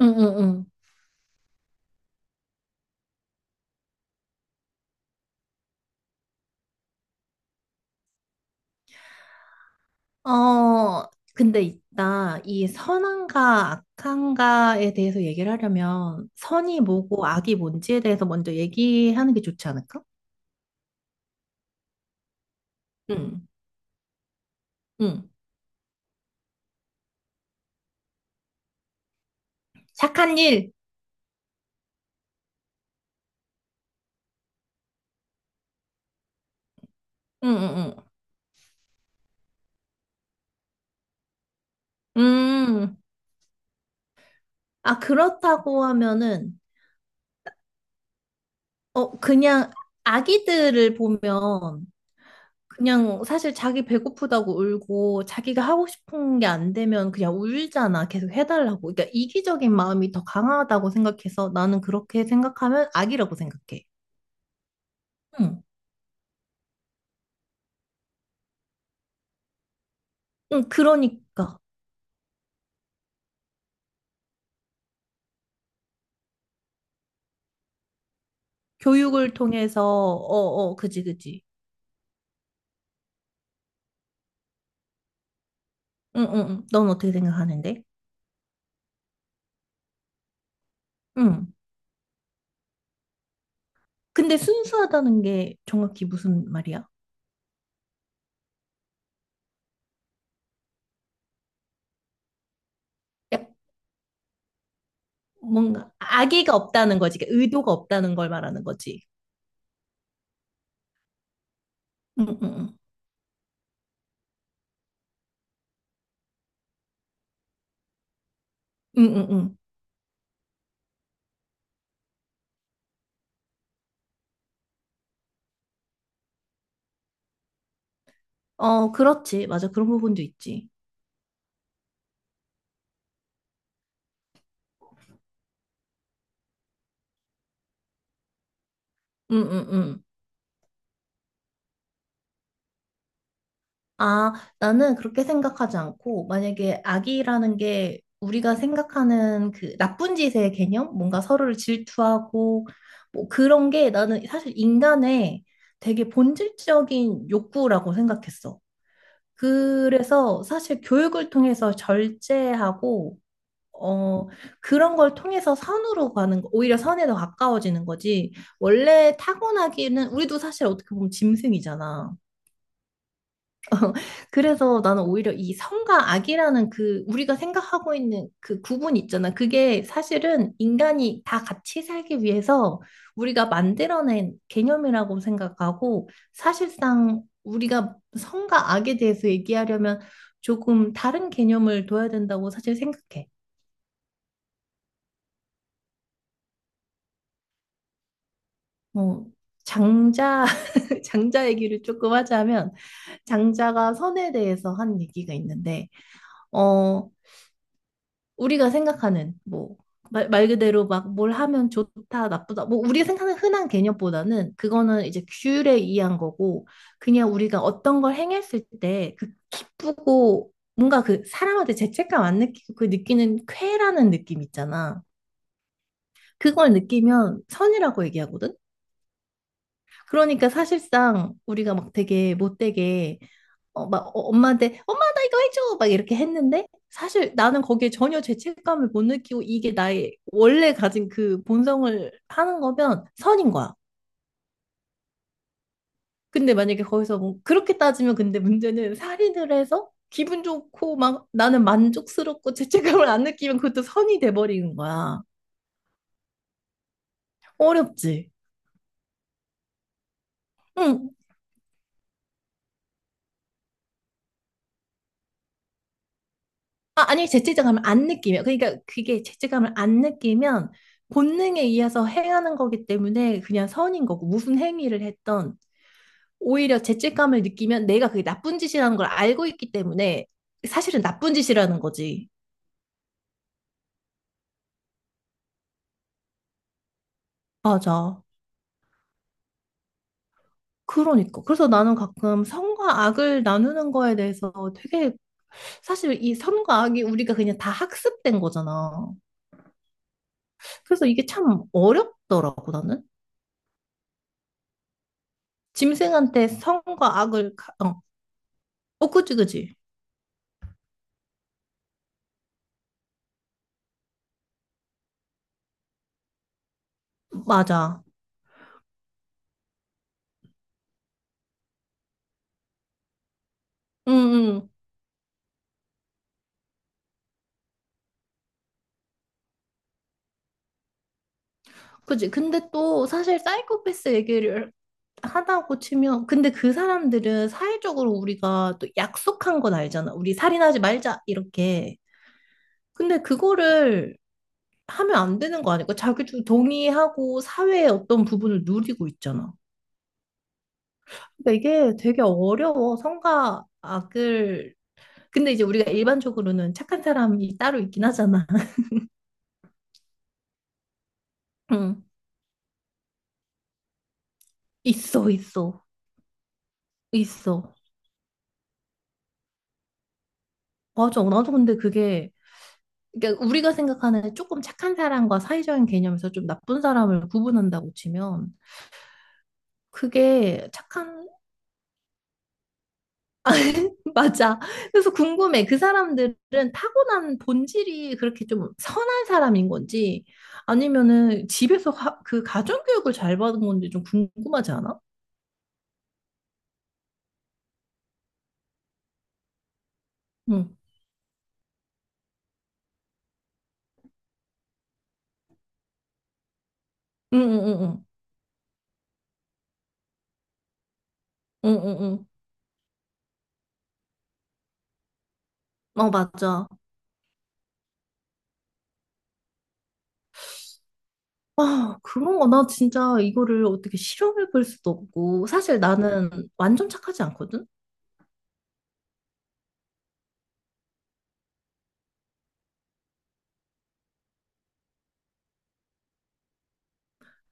응응응. 어, 근데 이 선한가 악한가에 대해서 얘기를 하려면, 선이 뭐고 악이 뭔지에 대해서 먼저 얘기하는 게 좋지 않을까? 응, 응. 착한 일! 응, 응, 응. 아, 그렇다고 하면은, 어, 그냥 아기들을 보면, 그냥 사실 자기 배고프다고 울고 자기가 하고 싶은 게 안 되면 그냥 울잖아. 계속 해달라고. 그러니까 이기적인 마음이 더 강하다고 생각해서 나는 그렇게 생각하면 악이라고 생각해. 응. 응, 그러니까. 교육을 통해서, 어, 그지, 그지. 응, 응, 응. 넌 어떻게 생각하는데? 응. 근데 순수하다는 게 정확히 무슨 말이야? 약 뭔가 악의가 없다는 거지. 그러니까 의도가 없다는 걸 말하는 거지. 응, 응, 응. 응, 응, 응. 어, 그렇지. 맞아. 그런 부분도 있지. 음, 음, 음. 아, 나는 그렇게 생각하지 않고, 만약에 악이라는 게 우리가 생각하는 그 나쁜 짓의 개념? 뭔가 서로를 질투하고, 뭐 그런 게 나는 사실 인간의 되게 본질적인 욕구라고 생각했어. 그래서 사실 교육을 통해서 절제하고, 어, 그런 걸 통해서 선으로 가는 거, 오히려 선에 더 가까워지는 거지. 원래 타고나기는, 우리도 사실 어떻게 보면 짐승이잖아. 그래서 나는 오히려 이 성과 악이라는 그 우리가 생각하고 있는 그 구분 있잖아. 그게 사실은 인간이 다 같이 살기 위해서 우리가 만들어낸 개념이라고 생각하고 사실상 우리가 성과 악에 대해서 얘기하려면 조금 다른 개념을 둬야 된다고 사실 생각해. 어, 장자, 장자 얘기를 조금 하자면 장자가 선에 대해서 한 얘기가 있는데, 어, 우리가 생각하는 뭐 말 그대로 막 뭘 하면 좋다, 나쁘다. 뭐 우리가 생각하는 흔한 개념보다는 그거는 이제 규율에 의한 거고 그냥 우리가 어떤 걸 행했을 때 그 기쁘고 뭔가 그 사람한테 죄책감 안 느끼고 그 느끼는 쾌라는 느낌 있잖아. 그걸 느끼면 선이라고 얘기하거든. 그러니까 사실상 우리가 막 되게 못되게 어, 막 어, 엄마한테 엄마 나 이거 해줘 막 이렇게 했는데 사실 나는 거기에 전혀 죄책감을 못 느끼고 이게 나의 원래 가진 그 본성을 하는 거면 선인 거야. 근데 만약에 거기서 뭐 그렇게 따지면 근데 문제는 살인을 해서 기분 좋고 막 나는 만족스럽고 죄책감을 안 느끼면 그것도 선이 돼버리는 거야. 어렵지. 응, 아, 아니, 죄책감을 안 느끼면. 그러니까 그게 죄책감을 안 느끼면 본능에 의해서 행하는 거기 때문에 그냥 선인 거고, 무슨 행위를 했던 오히려 죄책감을 느끼면 내가 그게 나쁜 짓이라는 걸 알고 있기 때문에 사실은 나쁜 짓이라는 거지. 맞아. 그러니까. 그래서 나는 가끔 선과 악을 나누는 거에 대해서 되게 사실 이 선과 악이 우리가 그냥 다 학습된 거잖아. 그래서 이게 참 어렵더라고, 나는. 짐승한테 선과 악을, 어, 그지, 그지. 맞아. 응, 응. 그지. 근데 또 사실 사이코패스 얘기를 하다고 치면, 근데 그 사람들은 사회적으로 우리가 또 약속한 건 알잖아. 우리 살인하지 말자, 이렇게. 근데 그거를 하면 안 되는 거 아닐까? 자기도 동의하고 사회의 어떤 부분을 누리고 있잖아. 그러니까 이게 되게 어려워. 선과 악을. 근데 이제 우리가 일반적으로는 착한 사람이 따로 있긴 하잖아. 응. 있어, 있어, 있어. 맞아. 나도 근데 그게 그러니까 우리가 생각하는 조금 착한 사람과 사회적인 개념에서 좀 나쁜 사람을 구분한다고 치면 그게 착한 맞아. 그래서 궁금해. 그 사람들은 타고난 본질이 그렇게 좀 선한 사람인 건지 아니면은 집에서 그 가정교육을 잘 받은 건지 좀 궁금하지 않아? 응. 응, 응, 응, 응, 응, 응. 응. 어, 맞아. 아, 그런 거 나 진짜 이거를 어떻게 실험해 볼 수도 없고 사실 나는 완전 착하지 않거든.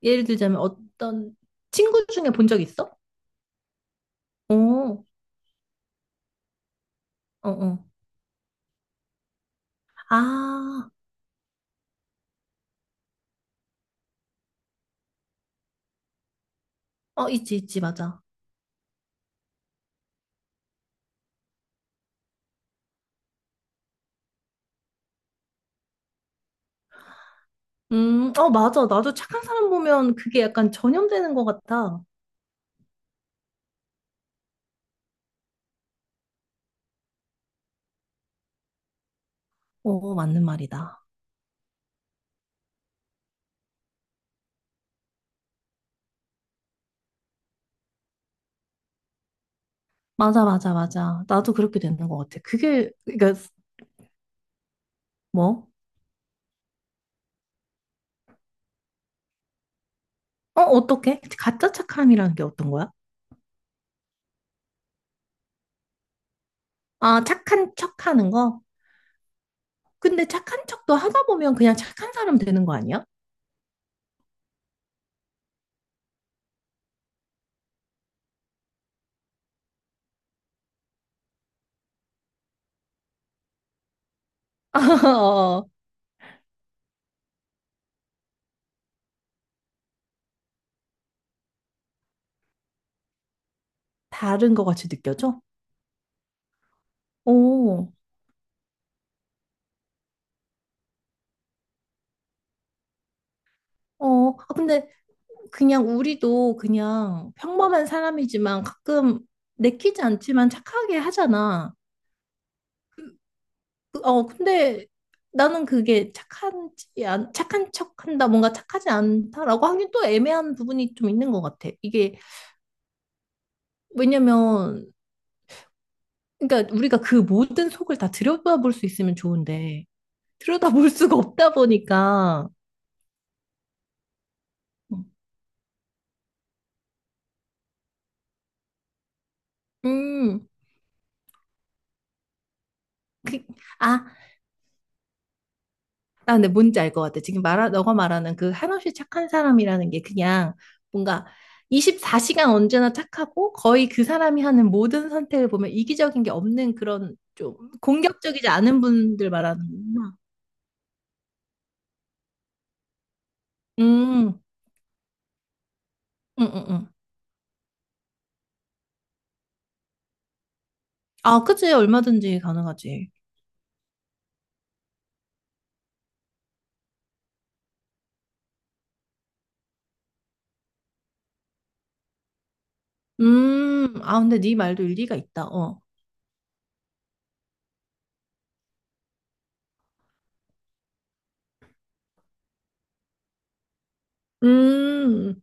예를 들자면 어떤 친구 중에 본 적 있어? 어, 어, 어. 아, 어, 있지, 있지, 맞아. 어, 맞아. 나도 착한 사람 보면 그게 약간 전염되는 것 같아. 어, 맞는 말이다. 맞아, 맞아, 맞아. 나도 그렇게 되는 것 같아. 그게, 그러니까, 뭐? 어, 어떻게? 가짜 착함이라는 게 어떤 거야? 아, 착한 척 하는 거? 근데 착한 척도 하다 보면 그냥 착한 사람 되는 거 아니야? 어, 다른 것 같이 느껴져? 오, 어, 아, 근데 그냥 우리도 그냥 평범한 사람이지만 가끔 내키지 않지만 착하게 하잖아. 어, 근데 나는 그게 착한 척한다, 뭔가 착하지 않다라고 하긴 또 애매한 부분이 좀 있는 것 같아. 이게 왜냐면 그러니까 우리가 그 모든 속을 다 들여다볼 수 있으면 좋은데 들여다볼 수가 없다 보니까 음, 그, 아, 아, 근데 뭔지 알 것 같아. 지금 너가 말하는 그 한없이 착한 사람이라는 게 그냥 뭔가 24시간 언제나 착하고 거의 그 사람이 하는 모든 선택을 보면 이기적인 게 없는 그런 좀 공격적이지 않은 분들 말하는구나. 음, 음, 음, 음. 아, 그치. 얼마든지 가능하지. 아, 근데 네 말도 일리가 있다. 어. 음,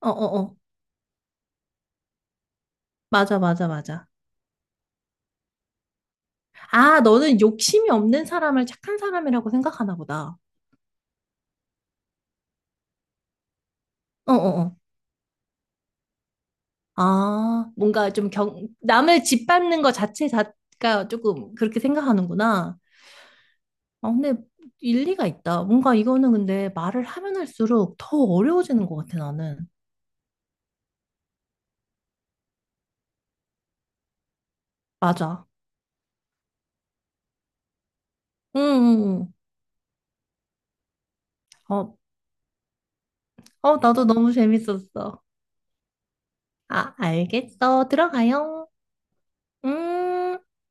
어, 어, 어. 맞아, 맞아, 맞아. 아, 너는 욕심이 없는 사람을 착한 사람이라고 생각하나 보다. 어어어. 아, 뭔가 좀 남을 짓밟는 것 자체 가 조금 그렇게 생각하는구나. 아, 근데 일리가 있다. 뭔가 이거는 근데 말을 하면 할수록 더 어려워지는 것 같아, 나는. 맞아. 응, 응, 응. 어, 어, 나도 너무 재밌었어. 아, 알겠어. 들어가요. 음.